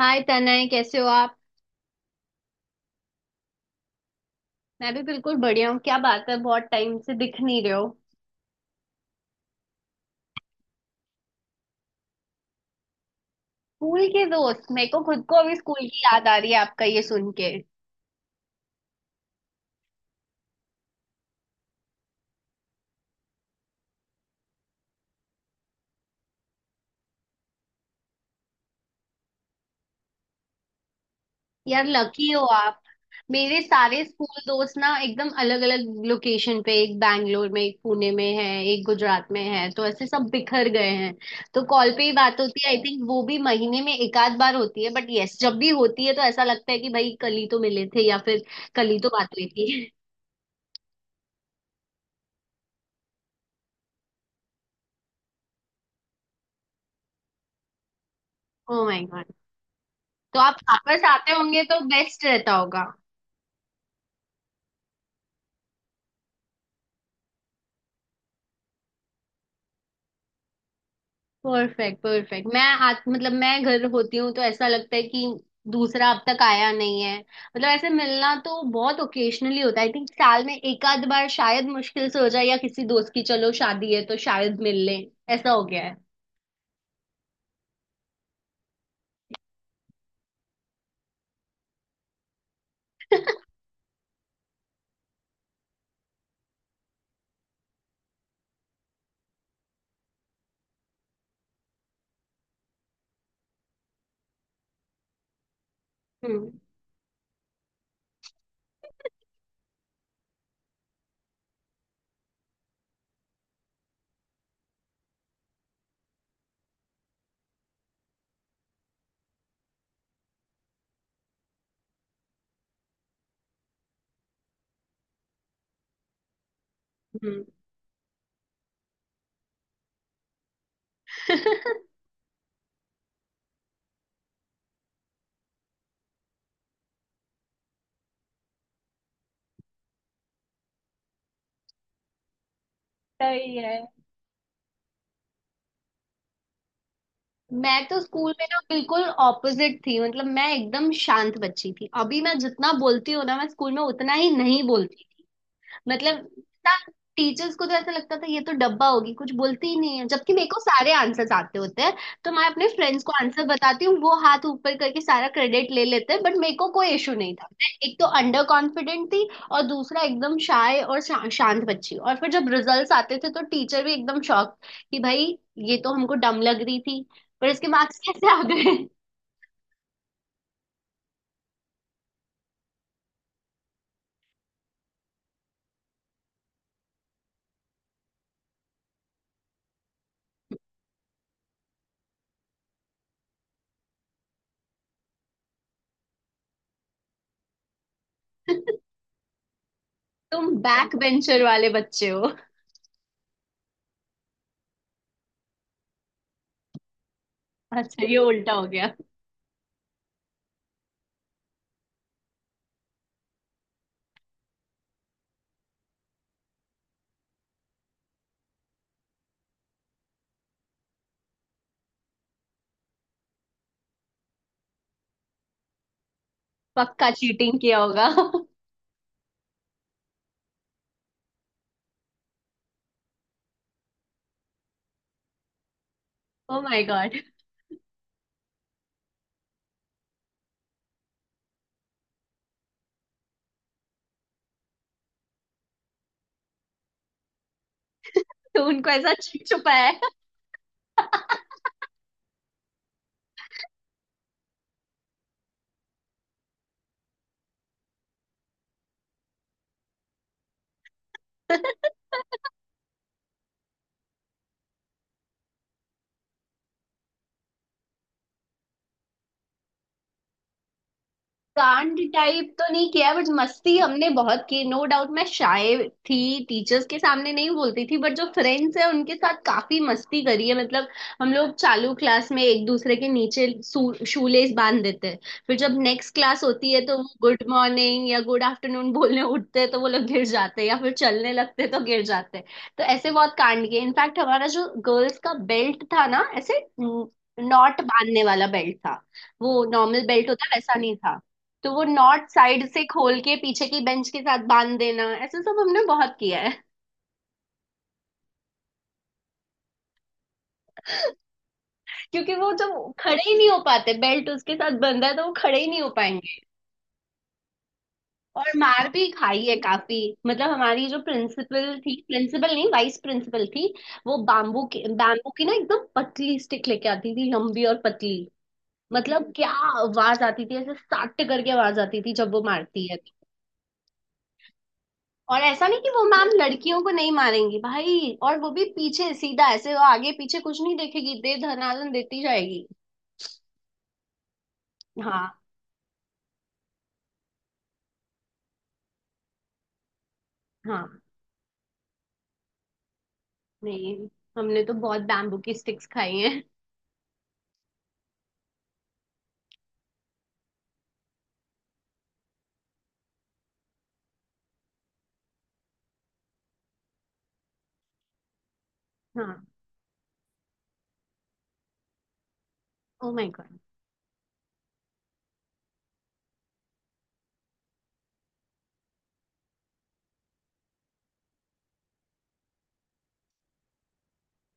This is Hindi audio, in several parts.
हाय तनय, कैसे हो आप। मैं भी बिल्कुल बढ़िया हूँ। क्या बात है, बहुत टाइम से दिख नहीं रहे हो। स्कूल के दोस्त? मेरे को खुद को अभी स्कूल की याद आ रही है आपका ये सुन के। यार लकी हो आप। मेरे सारे स्कूल दोस्त ना एकदम अलग अलग लोकेशन पे, एक बैंगलोर में, एक पुणे में है, एक गुजरात में है, तो ऐसे सब बिखर गए हैं। तो कॉल पे ही बात होती है, आई थिंक वो भी महीने में एक आध बार होती है, बट यस जब भी होती है तो ऐसा लगता है कि भाई कल ही तो मिले थे, या फिर कल ही तो बात हुई थी। ओ माय गॉड। तो आप वापस आते होंगे तो बेस्ट रहता होगा। Perfect perfect. मैं मतलब मैं घर होती हूँ तो ऐसा लगता है कि दूसरा अब तक आया नहीं है। मतलब ऐसे मिलना तो बहुत ओकेजनली होता है, आई थिंक साल में एक आध बार शायद मुश्किल से हो जाए, या किसी दोस्त की चलो शादी है तो शायद मिल ले। ऐसा हो गया है। हम्म। हम्म। सही है। मैं तो स्कूल में ना बिल्कुल ऑपोजिट थी। मतलब मैं एकदम शांत बच्ची थी। अभी मैं जितना बोलती हूँ ना, मैं स्कूल में उतना ही नहीं बोलती। मतलब टीचर्स को तो ऐसा लगता था ये तो डब्बा होगी, कुछ बोलती ही नहीं है, जबकि मेरे को सारे आंसर्स आते होते हैं। तो मैं अपने फ्रेंड्स को आंसर बताती हूँ, वो हाथ ऊपर करके सारा क्रेडिट ले लेते हैं, बट मेरे को कोई इशू नहीं था। मैं एक तो अंडर कॉन्फिडेंट थी, और दूसरा एकदम शाय, और शांत बच्ची। और फिर जब रिजल्ट्स आते थे तो टीचर भी एकदम शॉक कि भाई ये तो हमको डम लग रही थी, पर इसके मार्क्स कैसे आ गए। तुम बैक बेंचर वाले बच्चे हो? अच्छा, ये उल्टा हो गया। पक्का चीटिंग किया होगा। ओ माय गॉड। तो उनको ऐसा छिप छुपाया है। कांड टाइप तो नहीं किया, बट मस्ती हमने बहुत की, नो डाउट। मैं शाय थी, टीचर्स के सामने नहीं बोलती थी, बट जो फ्रेंड्स है उनके साथ काफी मस्ती करी है। मतलब हम लोग चालू क्लास में एक दूसरे के नीचे शूलेस बांध देते हैं, फिर जब नेक्स्ट क्लास होती है तो वो गुड मॉर्निंग या गुड आफ्टरनून बोलने उठते हैं तो वो लोग गिर जाते हैं, या फिर चलने लगते हैं तो गिर जाते हैं। तो ऐसे बहुत कांड किए। इनफैक्ट हमारा जो गर्ल्स का बेल्ट था ना, ऐसे नॉट बांधने वाला बेल्ट था। वो नॉर्मल बेल्ट होता है, वैसा नहीं था। तो वो नॉट साइड से खोल के पीछे की बेंच के साथ बांध देना, ऐसा सब हमने बहुत किया है। क्योंकि वो जब खड़े ही नहीं हो पाते, बेल्ट उसके साथ बंधा है तो वो खड़े ही नहीं हो पाएंगे। और मार भी खाई है काफी। मतलब हमारी जो प्रिंसिपल थी, प्रिंसिपल नहीं वाइस प्रिंसिपल थी, वो बाम्बू के, बाम्बू की ना एकदम पतली स्टिक लेके आती थी, लंबी और पतली। मतलब क्या आवाज आती थी ऐसे, सट करके आवाज आती थी जब वो मारती है। और ऐसा नहीं कि वो मैम लड़कियों को नहीं मारेंगी भाई, और वो भी पीछे सीधा ऐसे, वो आगे पीछे कुछ नहीं देखेगी, दे धनादन देती जाएगी। हाँ, हाँ। नहीं, हमने तो बहुत बैम्बू की स्टिक्स खाई हैं। हाँ। Oh my god.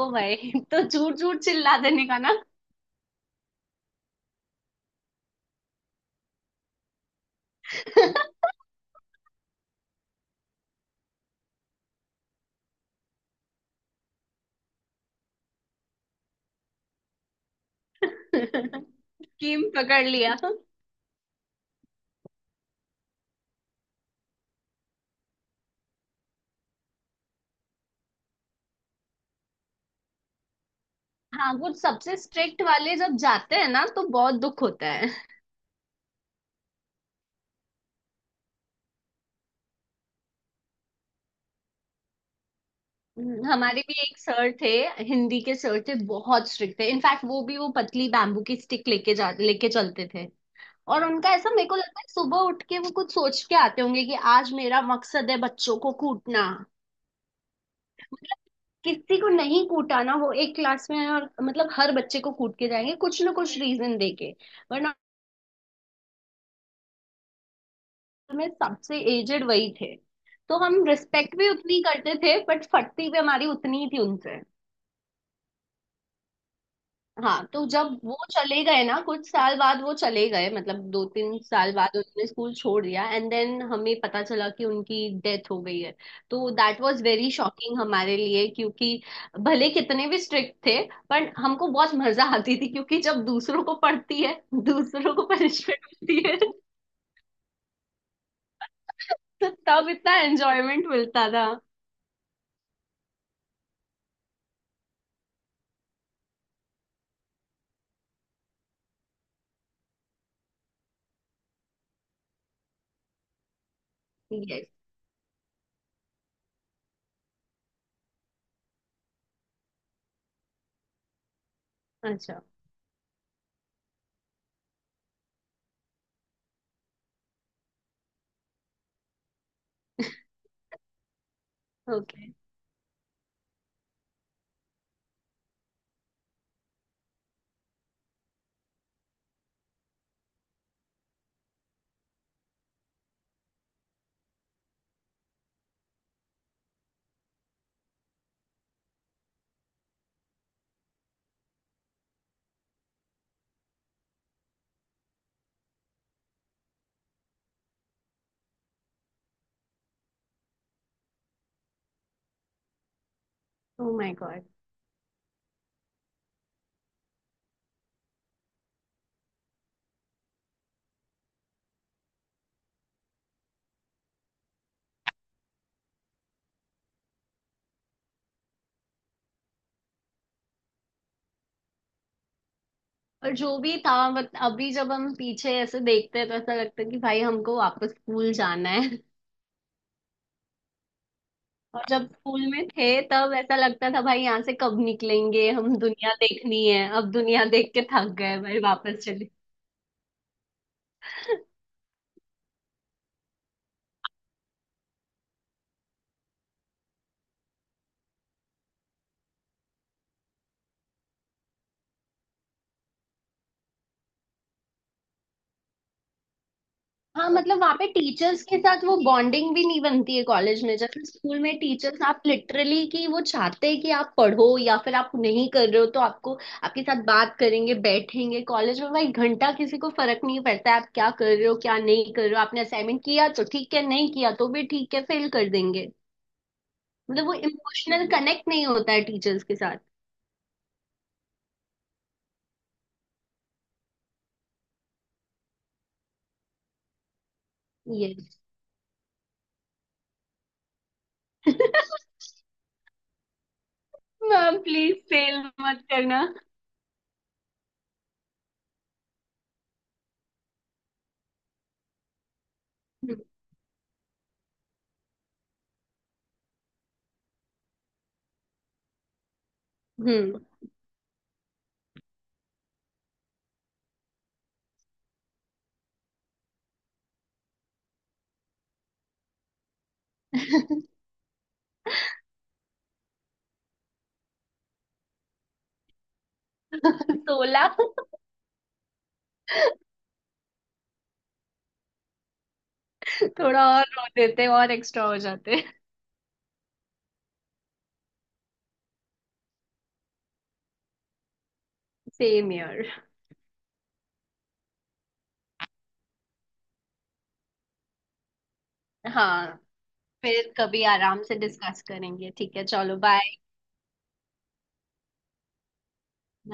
ओ भाई। तो झूठ झूठ चिल्ला देने का ना। स्कीम पकड़ लिया। हाँ, वो सबसे स्ट्रिक्ट वाले जब जाते हैं ना तो बहुत दुख होता है। हमारे भी एक सर थे, हिंदी के सर थे, बहुत स्ट्रिक्ट थे। इनफैक्ट वो भी वो पतली बैम्बू की स्टिक लेके जा लेके चलते थे। और उनका ऐसा मेरे को लगता है, सुबह उठ के वो कुछ सोच के आते होंगे कि आज मेरा मकसद है बच्चों को कूटना। किसी को नहीं कूटा ना वो एक क्लास में है, और मतलब हर बच्चे को कूट के जाएंगे कुछ ना कुछ रीजन देके। वरना में सबसे एजेड वही थे, तो हम रिस्पेक्ट भी उतनी करते थे बट फटती भी हमारी उतनी ही थी उनसे। हाँ, तो जब वो चले गए ना, कुछ साल बाद वो चले गए, मतलब दो तीन साल बाद उन्होंने स्कूल छोड़ दिया, एंड देन हमें पता चला कि उनकी डेथ हो गई है। तो दैट वाज वेरी शॉकिंग हमारे लिए, क्योंकि भले कितने भी स्ट्रिक्ट थे, पर हमको बहुत मजा आती थी क्योंकि जब दूसरों को पड़ती है, दूसरों को पनिशमेंट मिलती है। तो तब इतना एंजॉयमेंट मिलता था। यस। अच्छा। ओके। Oh my god. और जो भी था, बट अभी जब हम पीछे ऐसे देखते हैं तो ऐसा लगता है कि भाई हमको वापस स्कूल जाना है। और जब स्कूल में थे तब ऐसा लगता था भाई यहाँ से कब निकलेंगे, हम दुनिया देखनी है। अब दुनिया देख के थक गए भाई, वापस चले। हाँ, मतलब वहाँ पे टीचर्स के साथ वो बॉन्डिंग भी नहीं बनती है कॉलेज में। जैसे स्कूल में टीचर्स आप लिटरली, कि वो चाहते हैं कि आप पढ़ो, या फिर आप नहीं कर रहे हो तो आपको, आपके साथ बात करेंगे, बैठेंगे। कॉलेज में भाई घंटा किसी को फर्क नहीं पड़ता है आप क्या कर रहे हो, क्या नहीं कर रहे हो। आपने असाइनमेंट किया तो ठीक है, नहीं किया तो भी ठीक है, फेल कर देंगे। मतलब वो इमोशनल कनेक्ट नहीं होता है टीचर्स के साथ। ये। मैम प्लीज फेल मत करना। हम्म। 16? थोड़ा और रो देते और एक्स्ट्रा हो जाते। Same year. हाँ, फिर कभी आराम से डिस्कस करेंगे। ठीक है, चलो बाय।